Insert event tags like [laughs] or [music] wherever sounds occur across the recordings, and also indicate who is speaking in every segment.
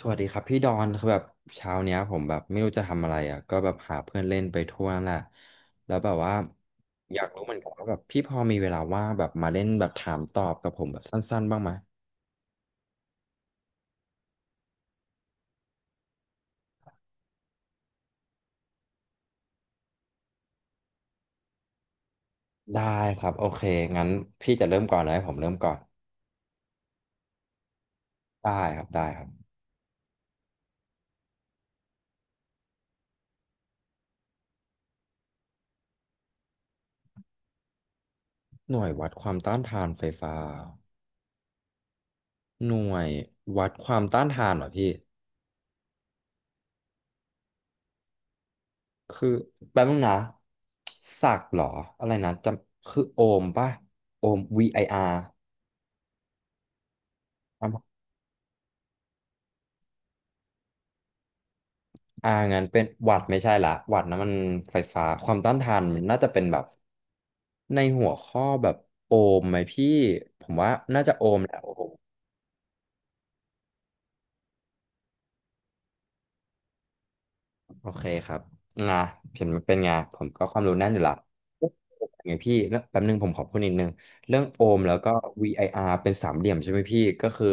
Speaker 1: สวัสดีครับพี่ดอนคือแบบเช้าเนี้ยผมแบบไม่รู้จะทำอะไรอ่ะก็แบบหาเพื่อนเล่นไปทั่วนั่นแหละแล้วแบบว่าอยากรู้เหมือนกันว่าแบบพี่พอมีเวลาว่างแบบมาเล่นแบบถามตอบกับผมแบบสั้นๆบ้างไหมได้ครับโอเคงั้นพี่จะเริ่มก่อนเลยให้ผมเริ่มก่อนได้ครับได้ครับหน่วยวัดความต้านทานไฟฟ้าหน่วยวัดความต้านทานเหรอพี่คือแป๊บนึงนะศักดิ์เหรออะไรนะจำคือโอห์มป่ะโอห์มวีไออาร r อ่างั้นเป็นหวัดไม่ใช่ละหวัดนะมันไฟฟ้า ความต้านทานมันน่าจะเป็นแบบในหัวข้อแบบโอห์มไหมพี่ ผมว่าน่าจะโอห์มแหละ โอเคครับนะเห็นมันเป็นไงผมก็ความรู้แน่นอยู่ละไงพี่แล้วแป๊บนึงผมขอพูดนิดนึงเรื่องโอห์มแล้วก็ VIR เป็นสามเหลี่ยมใช่ไหมพี่ก็คือ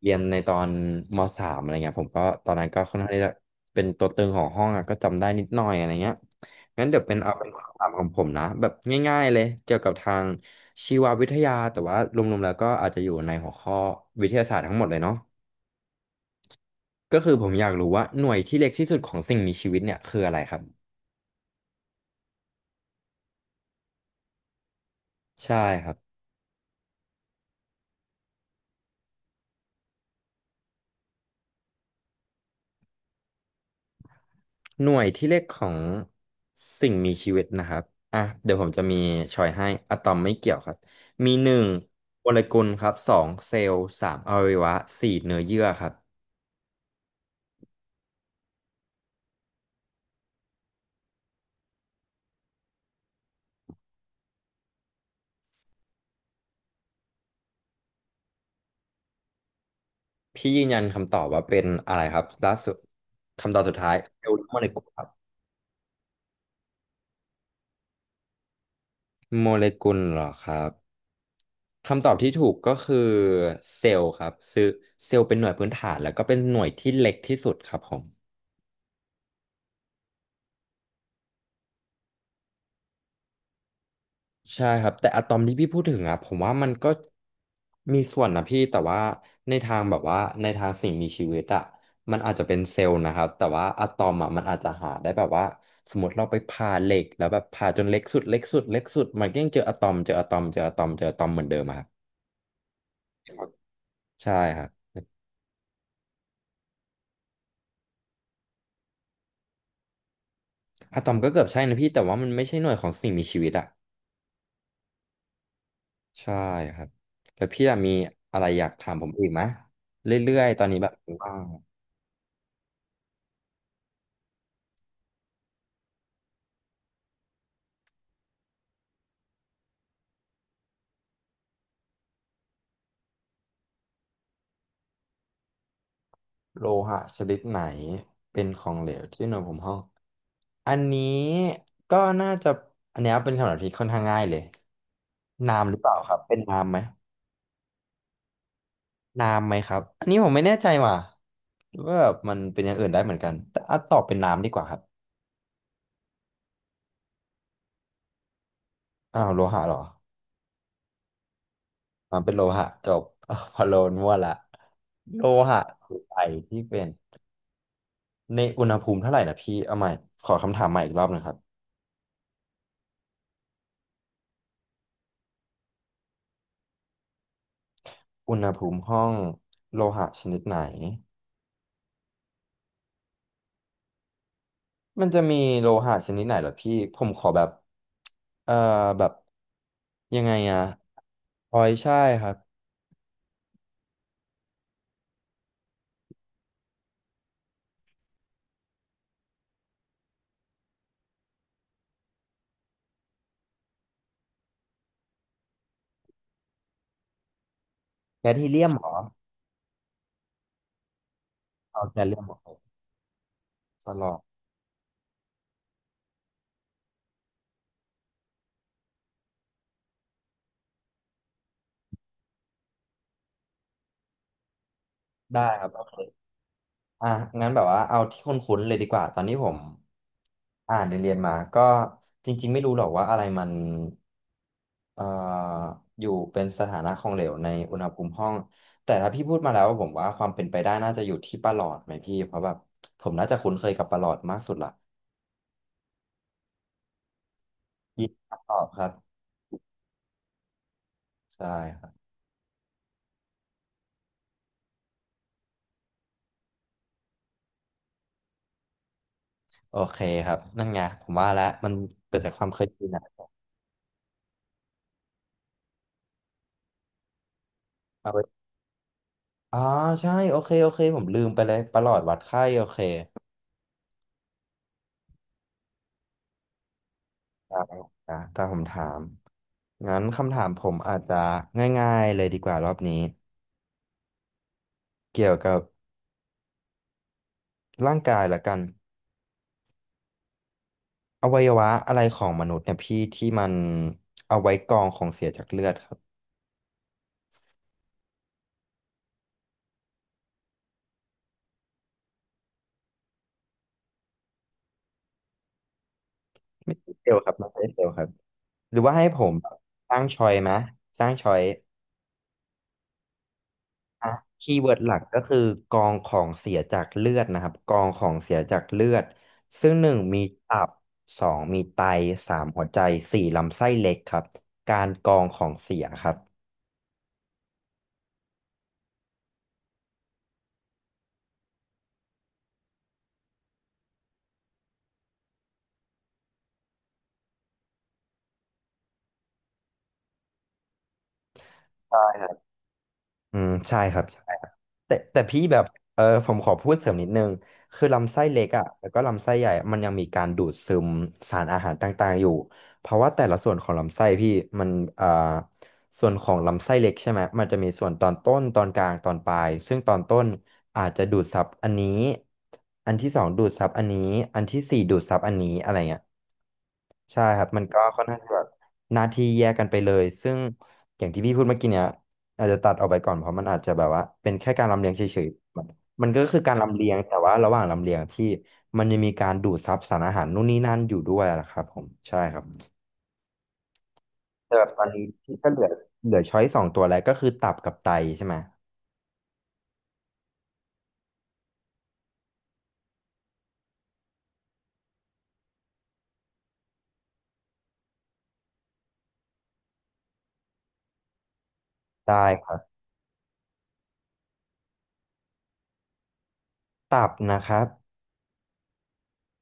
Speaker 1: เรียนในตอนมสามอะไรเงี้ยผมก็ตอนนั้นก็ค่อนข้างที่จะเป็นตัวตึงของห้องอะก็จำได้นิดหน่อยอะไรเงี้ยงั้นเดี๋ยวเป็นเอาเป็นคำถามของผมนะแบบง่ายๆเลยเกี่ยวกับทางชีววิทยาแต่ว่ารวมๆแล้วก็อาจจะอยู่ในหัวข้อวิทยาศาสตร์ทั้งหมดเลยเนาะก็คือผมอยากรู้ว่าหน่วยที่เล็กที่สุดของสิ่งมีชีวิตเนี่ยคืออะไรครับ ใช่ครับหน่วยที่เล็กของสิ่งมีชีวิตนะครับอ่ะเดี๋ยวผมจะมีชอยให้อะตอมไม่เกี่ยวครับมีหนึ่งโมเลกุลครับสองเซลล์สามอวัยวะสี่เนื้อเยื่อครับพี่ยืนยันคำตอบว่าเป็นอะไรครับล่าสุดคำตอบสุดท้ายเซลล์หรือโมเลกุลครับโมเลกุลเหรอครับคำตอบที่ถูกก็คือเซลล์ครับซึ่งเซลล์เป็นหน่วยพื้นฐานแล้วก็เป็นหน่วยที่เล็กที่สุดครับผม ใช่ครับแต่อะตอมที่พี่พูดถึงอ่ะผมว่ามันก็มีส่วนนะพี่แต่ว่าในทางแบบว่าในทางสิ่งมีชีวิตอ่ะมันอาจจะเป็นเซลล์นะครับแต่ว่าอะตอมอ่ะมันอาจจะหาได้แบบว่าสมมติเราไปผ่าเหล็กแล้วแบบผ่าจนเล็กสุดเล็กสุดเล็กสุดมันก็ยังเจออะตอมเจออะตอมเจออะตอมเจออะตอมเหมือนเดิมอะครับใช่ครับอะตอมก็เกือบใช่นะพี่แต่ว่ามันไม่ใช่หน่วยของสิ่งมีชีวิตอ่ะใช่ครับแล้วพี่อะมีอะไรอยากถามผมอีกไหมเรื่อยๆตอนนี้แบบว่าง โลหะชนิดไหนเป็นของเหลวที่อุณหภูมิห้องอันนี้ก็น่าจะอันเนี้ยเป็นคำตอบที่ค่อนข้างง่ายเลยน้ำหรือเปล่าครับเป็นน้ำไหมน้ำไหมครับอันนี้ผมไม่แน่ใจว่ะหรือว่าแบบมันเป็นอย่างอื่นได้เหมือนกันแต่อ่ะตอบเป็นน้ำดีกว่าครับอ้าวโลหะเหรอน้ำเป็นโลหะจบ [laughs] อ้าวพะโลนมั่วละโลหะคือไอที่เป็นในอุณหภูมิเท่าไหร่นะพี่เอาใหม่ขอคำถามใหม่อีกรอบหนึงครับอุณหภูมิห้องโลหะชนิดไหน มันจะมีโลหะชนิดไหนเหรอพี่ผมขอแบบเอ่อแบบยังไงอะพลอยใช่ครับแคดฮีเลียมเหรอเอาแคดเลียมเหรอตลอดได้ครับโอเคอ่ะงั้นแบบว่าเอาที่คุ้นๆเลยดีกว่าตอนนี้ผมอ่านเรียนๆมาก็จริงๆไม่รู้หรอกว่าอะไรมันเอ่ออยู่เป็นสถานะของเหลวในอุณหภูมิห้องแต่ถ้าพี่พูดมาแล้วผมว่าความเป็นไปได้น่าจะอยู่ที่ประหลอดไหมพี่เพราะแบบผมน่าจะคุ้นเคยกับประหลอดมากสุดละ ยินดีครับตอบครับใช่ครับโอเคครับนั่นไงผมว่าแล้วมันเกิดจากความเคยชินอะเอาไว้อ๋อใช่โอเคโอเคผมลืมไปเลยประหลอดวัดไข้โอเคได้ครับถ้าผมถามงั้นคำถามผมอาจจะง่ายๆเลยดีกว่ารอบนี้เกี่ยวกับร่างกายละกันอวัยวะอะไรของมนุษย์เนี่ยพี่ที่มันเอาไว้กรองของเสียจากเลือดครับไม่ใช่เซลล์ครับไม่ใช่เซลล์ครับหรือว่าให้ผมสร้างชอยไหมสร้างชอย อ่ะคีย์เวิร์ดหลักก็คือกองของเสียจากเลือดนะครับกองของเสียจากเลือดซึ่งหนึ่งมีตับสองมีไตสามหัวใจสี่ลำไส้เล็กครับการกองของเสียครับ อืมใช่ครับใช่ครับแต่พี่แบบผมขอพูดเสริมนิดนึงคือลำไส้เล็กอ่ะแล้วก็ลำไส้ใหญ่อะมันยังมีการดูดซึมสารอาหารต่างๆอยู่เพราะว่าแต่ละส่วนของลำไส้พี่มันอ่าส่วนของลำไส้เล็กใช่ไหมมันจะมีส่วนตอนต้นตอนกลางตอนปลายซึ่งตอนต้นอาจจะดูดซับอันนี้อันที่สองดูดซับอันนี้อันที่สี่ดูดซับอันนี้อะไรเงี้ย ใช่ครับมันก็ค่อนข้างที่แบบหน้าที่แยกกันไปเลยซึ่งอย่างที่พี่พูดเมื่อกี้เนี่ยอาจจะตัดออกไปก่อนเพราะมันอาจจะแบบว่าเป็นแค่การลำเลียงเฉยๆมันก็คือการลำเลียงแต่ว่าระหว่างลำเลียงพี่มันยังมีการดูดซับสารอาหารนู่นนี่นั่นอยู่ด้วยนะครับผมใช่ครับแต่แบบตอนนี้พี่ก็เหลือเหลือช้อยสองตัวแล้วก็คือตับกับไตใช่ไหมได้ครับตับนะครับ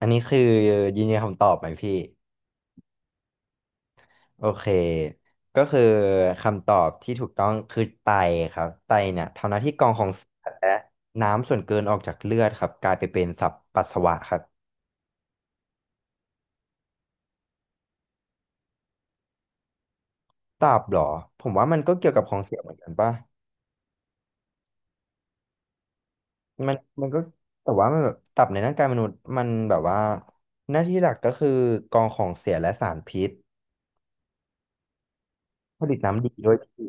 Speaker 1: อันนี้คือยืนยันคำตอบไหมพี่ โอเคก็คือคำตอบที่ถูกต้องคือไตครับไตเนี่ยทำหน้าที่กรองของเสียและน้ำส่วนเกินออกจากเลือดครับกลายไปเป็นสับปัสสาวะครับตับเหรอผมว่ามันก็เกี่ยวกับของเสียเหมือนกันป่ะมันมันก็แต่ว่ามันแบบตับในร่างกายมนุษย์มันแบบว่าหน้าที่หลักก็คือกรองของเสียและสารพิษผลิตน้ำดีด้วยที่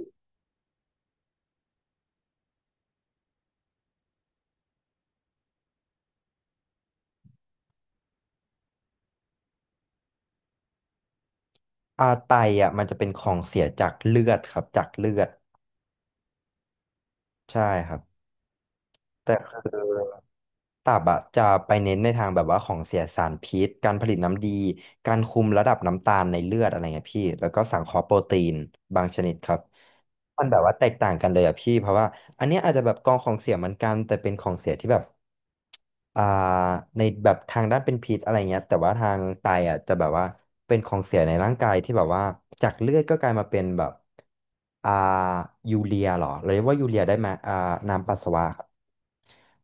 Speaker 1: ไตอ่ะมันจะเป็นของเสียจากเลือดครับจากเลือดใช่ครับแต่คือ ตับอะจะไปเน้นในทางแบบว่าของเสียสารพิษการผลิตน้ำดี การคุมระดับน้ำตาลในเลือดอะไรเงี้ยพี่แล้วก็สังเคราะห์โปรตีนบางชนิดครับมันแบบว่าแตกต่างกันเลยอะพี่เพราะว่าอันเนี้ยอาจจะแบบกองของเสียเหมือนกันแต่เป็นของเสียที่แบบอ่าในแบบทางด้านเป็นพิษอะไรเงี้ยแต่ว่าทางไตอะจะแบบว่าเป็นของเสียในร่างกายที่แบบว่าจากเลือดก็กลายมาเป็นแบบอ่ายูเรียเหรอเรียกว่ายูเรียได้ไหมน้ำปัสสาวะ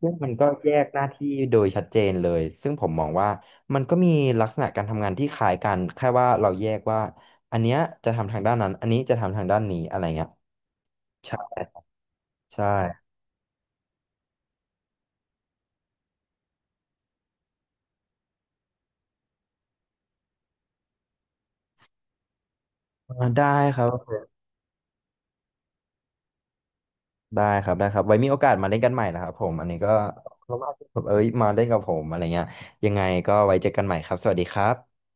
Speaker 1: ซึ่งมันก็แยกหน้าที่โดยชัดเจนเลยซึ่งผมมองว่ามันก็มีลักษณะการทำงานที่คล้ายกันแค่ว่าเราแยกว่าอันเนี้ยจะทำทางด้านนั้นอันนี้จะทำทางด้านนี้อะไรเงี้ยใช่ใช่ได้ครับได้ครับได้ครับไว้มีโอกาสมาเล่นกันใหม่นะครับผมอันนี้ก็เพราะว่าที่ผมเอ้ยมาเล่นกับผมอะไรเงี้ยยังไงก็ไว้เจอกันใหม่ครับสวัสดีครับ